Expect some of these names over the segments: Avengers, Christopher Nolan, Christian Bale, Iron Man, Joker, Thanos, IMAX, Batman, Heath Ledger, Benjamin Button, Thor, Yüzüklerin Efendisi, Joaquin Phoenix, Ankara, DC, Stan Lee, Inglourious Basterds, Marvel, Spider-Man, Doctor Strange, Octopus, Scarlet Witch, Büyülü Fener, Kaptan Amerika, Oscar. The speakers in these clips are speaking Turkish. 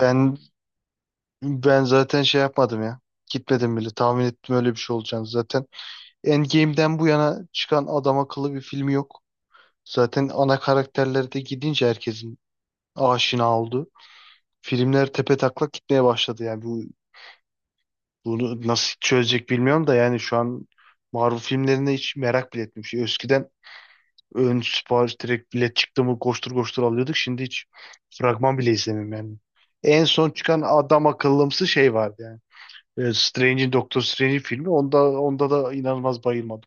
Ben ben zaten şey yapmadım ya. Gitmedim bile. Tahmin ettim öyle bir şey olacağını zaten. Endgame'den bu yana çıkan adam akıllı bir film yok. Zaten ana karakterler de gidince herkesin aşina oldu. Filmler tepetaklak gitmeye başladı yani. Bunu nasıl çözecek bilmiyorum da yani şu an Marvel filmlerine hiç merak bile etmiyorum. Şey, eskiden ön sipariş direkt bilet çıktı mı koştur koştur alıyorduk. Şimdi hiç fragman bile izlemiyorum yani. En son çıkan adam akıllımsı şey vardı yani. Strange'in Doctor Strange'in filmi onda da inanılmaz bayılmadım.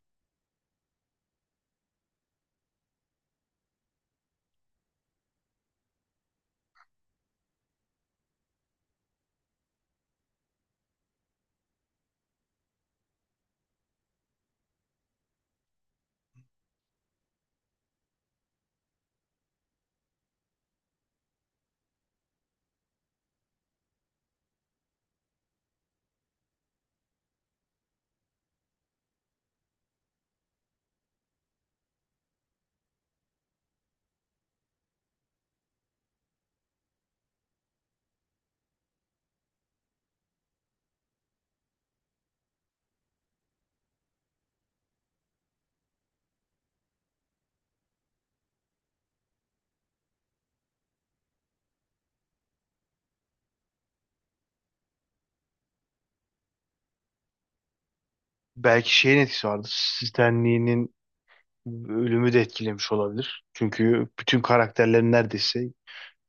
Belki şeyin etkisi vardır. Stan Lee'nin ölümü de etkilemiş olabilir. Çünkü bütün karakterlerin neredeyse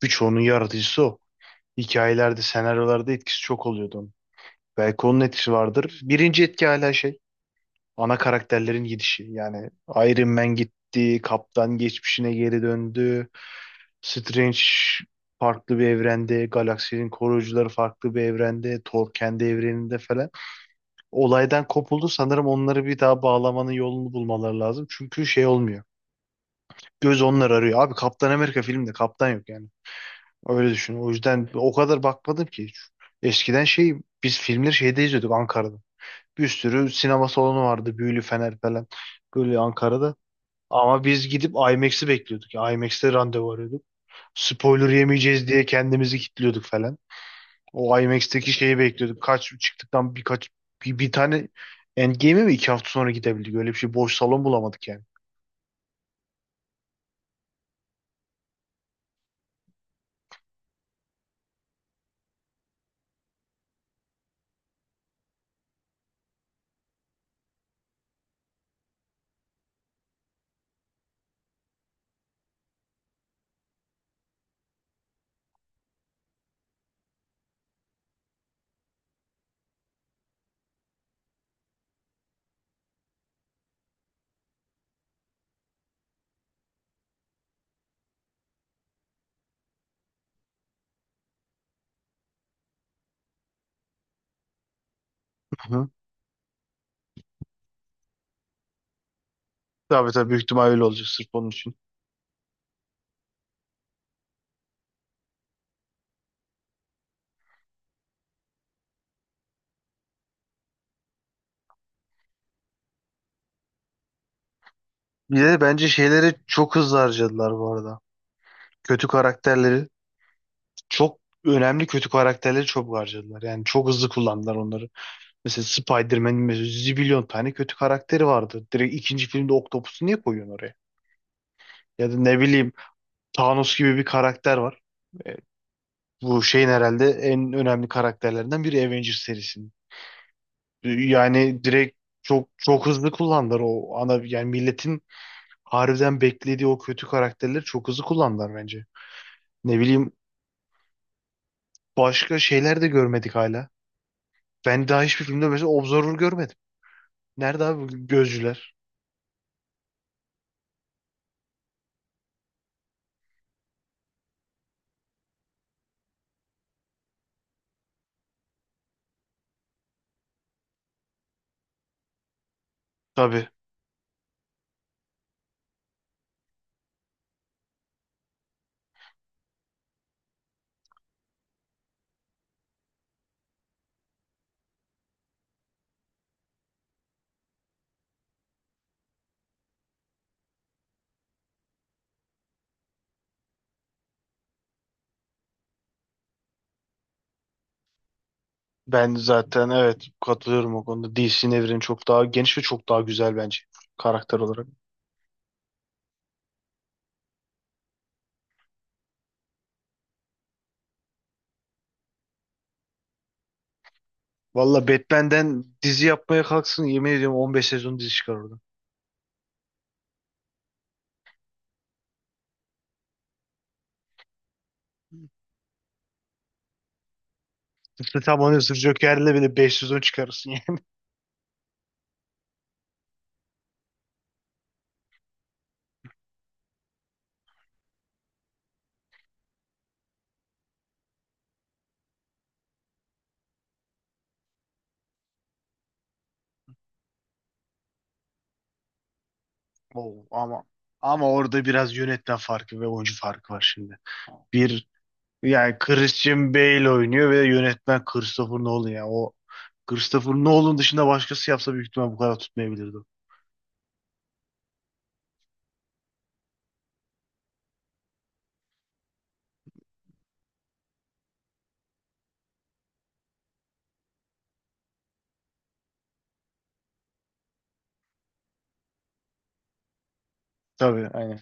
birçoğunun yaratıcısı o. Hikayelerde, senaryolarda etkisi çok oluyordu onun. Belki onun etkisi vardır. Birinci etki hala şey, ana karakterlerin gidişi. Yani Iron Man gitti, Kaptan geçmişine geri döndü. Strange farklı bir evrende, galaksinin koruyucuları farklı bir evrende, Thor kendi evreninde falan. Olaydan kopuldu, sanırım onları bir daha bağlamanın yolunu bulmaları lazım. Çünkü şey olmuyor. Göz onlar arıyor. Abi Kaptan Amerika filmde kaptan yok yani. Öyle düşün. O yüzden o kadar bakmadım ki hiç. Eskiden şey, biz filmleri şeyde izliyorduk, Ankara'da. Bir sürü sinema salonu vardı. Büyülü Fener falan. Böyle Ankara'da. Ama biz gidip IMAX'i bekliyorduk. IMAX'te randevu arıyorduk. Spoiler yemeyeceğiz diye kendimizi kilitliyorduk falan. O IMAX'teki şeyi bekliyorduk. Kaç çıktıktan birkaç bir tane Endgame'e mi iki hafta sonra gidebildik? Öyle bir şey, boş salon bulamadık yani. Hı hı. Tabii tabii, büyük ihtimal öyle olacak sırf onun için. Bir de bence şeyleri çok hızlı harcadılar bu arada. Kötü karakterleri çok, önemli kötü karakterleri çok harcadılar. Yani çok hızlı kullandılar onları. Mesela Spider-Man'in mesela zibilyon tane kötü karakteri vardı. Direkt ikinci filmde Octopus'u niye koyuyorsun oraya? Ya da ne bileyim, Thanos gibi bir karakter var. E, Bu şeyin herhalde en önemli karakterlerinden biri Avengers serisinin. Yani direkt çok çok hızlı kullandılar, o ana yani milletin harbiden beklediği o kötü karakterleri çok hızlı kullandılar bence. Ne bileyim, başka şeyler de görmedik hala. Ben daha hiçbir filmde mesela Observer görmedim. Nerede abi bu gözcüler? Tabii. Ben zaten, evet, katılıyorum o konuda. DC'nin evreni çok daha geniş ve çok daha güzel bence karakter olarak. Valla Batman'den dizi yapmaya kalksın, yemin ediyorum 15 sezon dizi çıkar orada. Tıpkı tam onun, sırf Joker'le bile 5 sezon çıkarırsın yani. Oo, ama ama orada biraz yönetmen farkı ve oyuncu farkı var şimdi. Bir, yani Christian Bale oynuyor ve yönetmen Christopher Nolan ya. O Christopher Nolan dışında başkası yapsa büyük ihtimal bu kadar tutmayabilirdi. Tabii, aynen.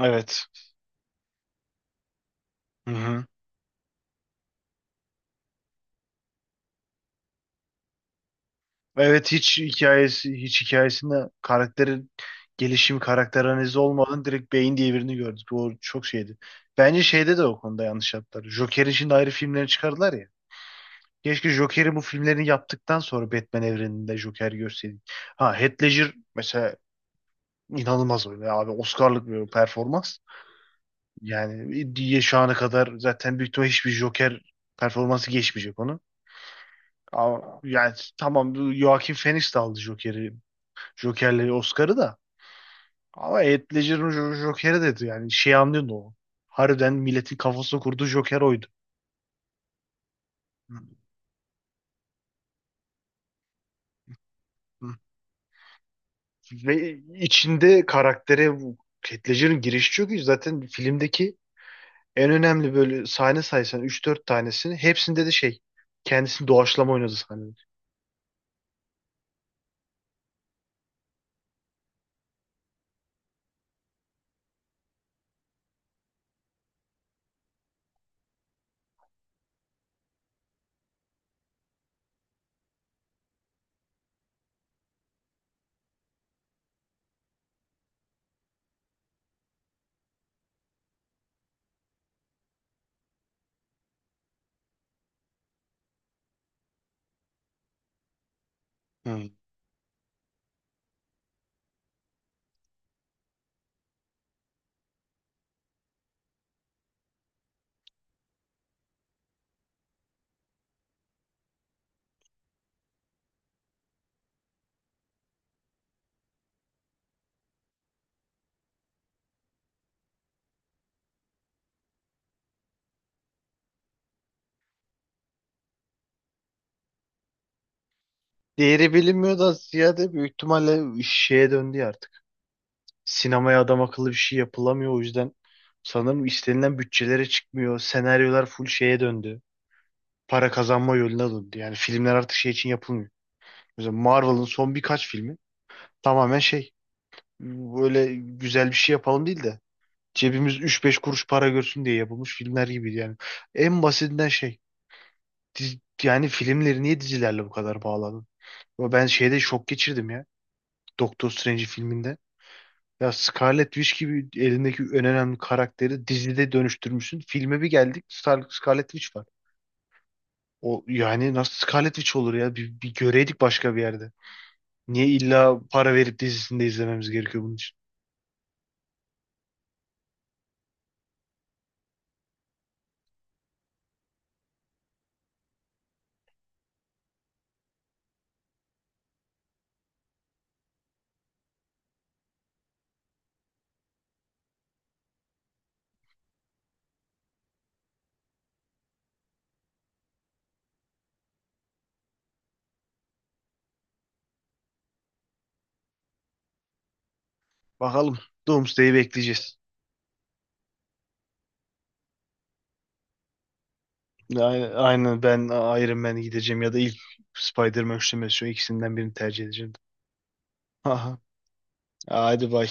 Evet. Hı hı. Evet, hiç hikayesi, hiç hikayesinde karakterin gelişimi, karakter analizi olmadan direkt beyin diye birini gördük. O çok şeydi. Bence şeyde de o konuda yanlış yaptılar. Joker'in şimdi ayrı filmlerini çıkardılar ya. Keşke Joker'i, bu filmlerini yaptıktan sonra Batman evreninde Joker görseydik. Ha, Heath Ledger mesela inanılmaz oynadı abi. Oscar'lık bir performans. Yani diye şu ana kadar zaten büyük ihtimalle hiçbir Joker performansı geçmeyecek onu. Ama yani tamam, Joaquin Phoenix de aldı Joker'i, Joker'le Oscar'ı da. Ama Heath Ledger'ın Joker'i dedi yani, şey anlıyorsun o. Harbiden milletin kafasına kurduğu Joker oydu. Hı hı. Ve içinde karaktere bu Heath Ledger'ın girişi çok iyi. Zaten filmdeki en önemli böyle sahne saysan üç dört tanesini, hepsinde de şey, kendisini doğaçlama oynadı sahnede. Hı. Değeri bilinmiyor da ziyade büyük ihtimalle şeye döndü ya artık. Sinemaya adam akıllı bir şey yapılamıyor. O yüzden sanırım istenilen bütçelere çıkmıyor. Senaryolar full şeye döndü, para kazanma yoluna döndü. Yani filmler artık şey için yapılmıyor. Mesela Marvel'ın son birkaç filmi tamamen şey, böyle güzel bir şey yapalım değil de cebimiz üç beş kuruş para görsün diye yapılmış filmler gibiydi yani. En basitinden şey, yani filmleri niye dizilerle bu kadar bağladın? Ama ben şeyde şok geçirdim ya, Doctor Strange filminde. Ya Scarlet Witch gibi elindeki en önemli karakteri dizide dönüştürmüşsün. Filme bir geldik, Star Scarlet Witch var. O yani nasıl Scarlet Witch olur ya? Bir göreydik başka bir yerde. Niye illa para verip dizisinde izlememiz gerekiyor bunun için? Bakalım. Doomsday'i bekleyeceğiz. Aynen, aynen, ben Iron Man'e gideceğim ya da ilk Spider-Man üçlemesi, şu ikisinden birini tercih edeceğim. Aha. Hadi bay.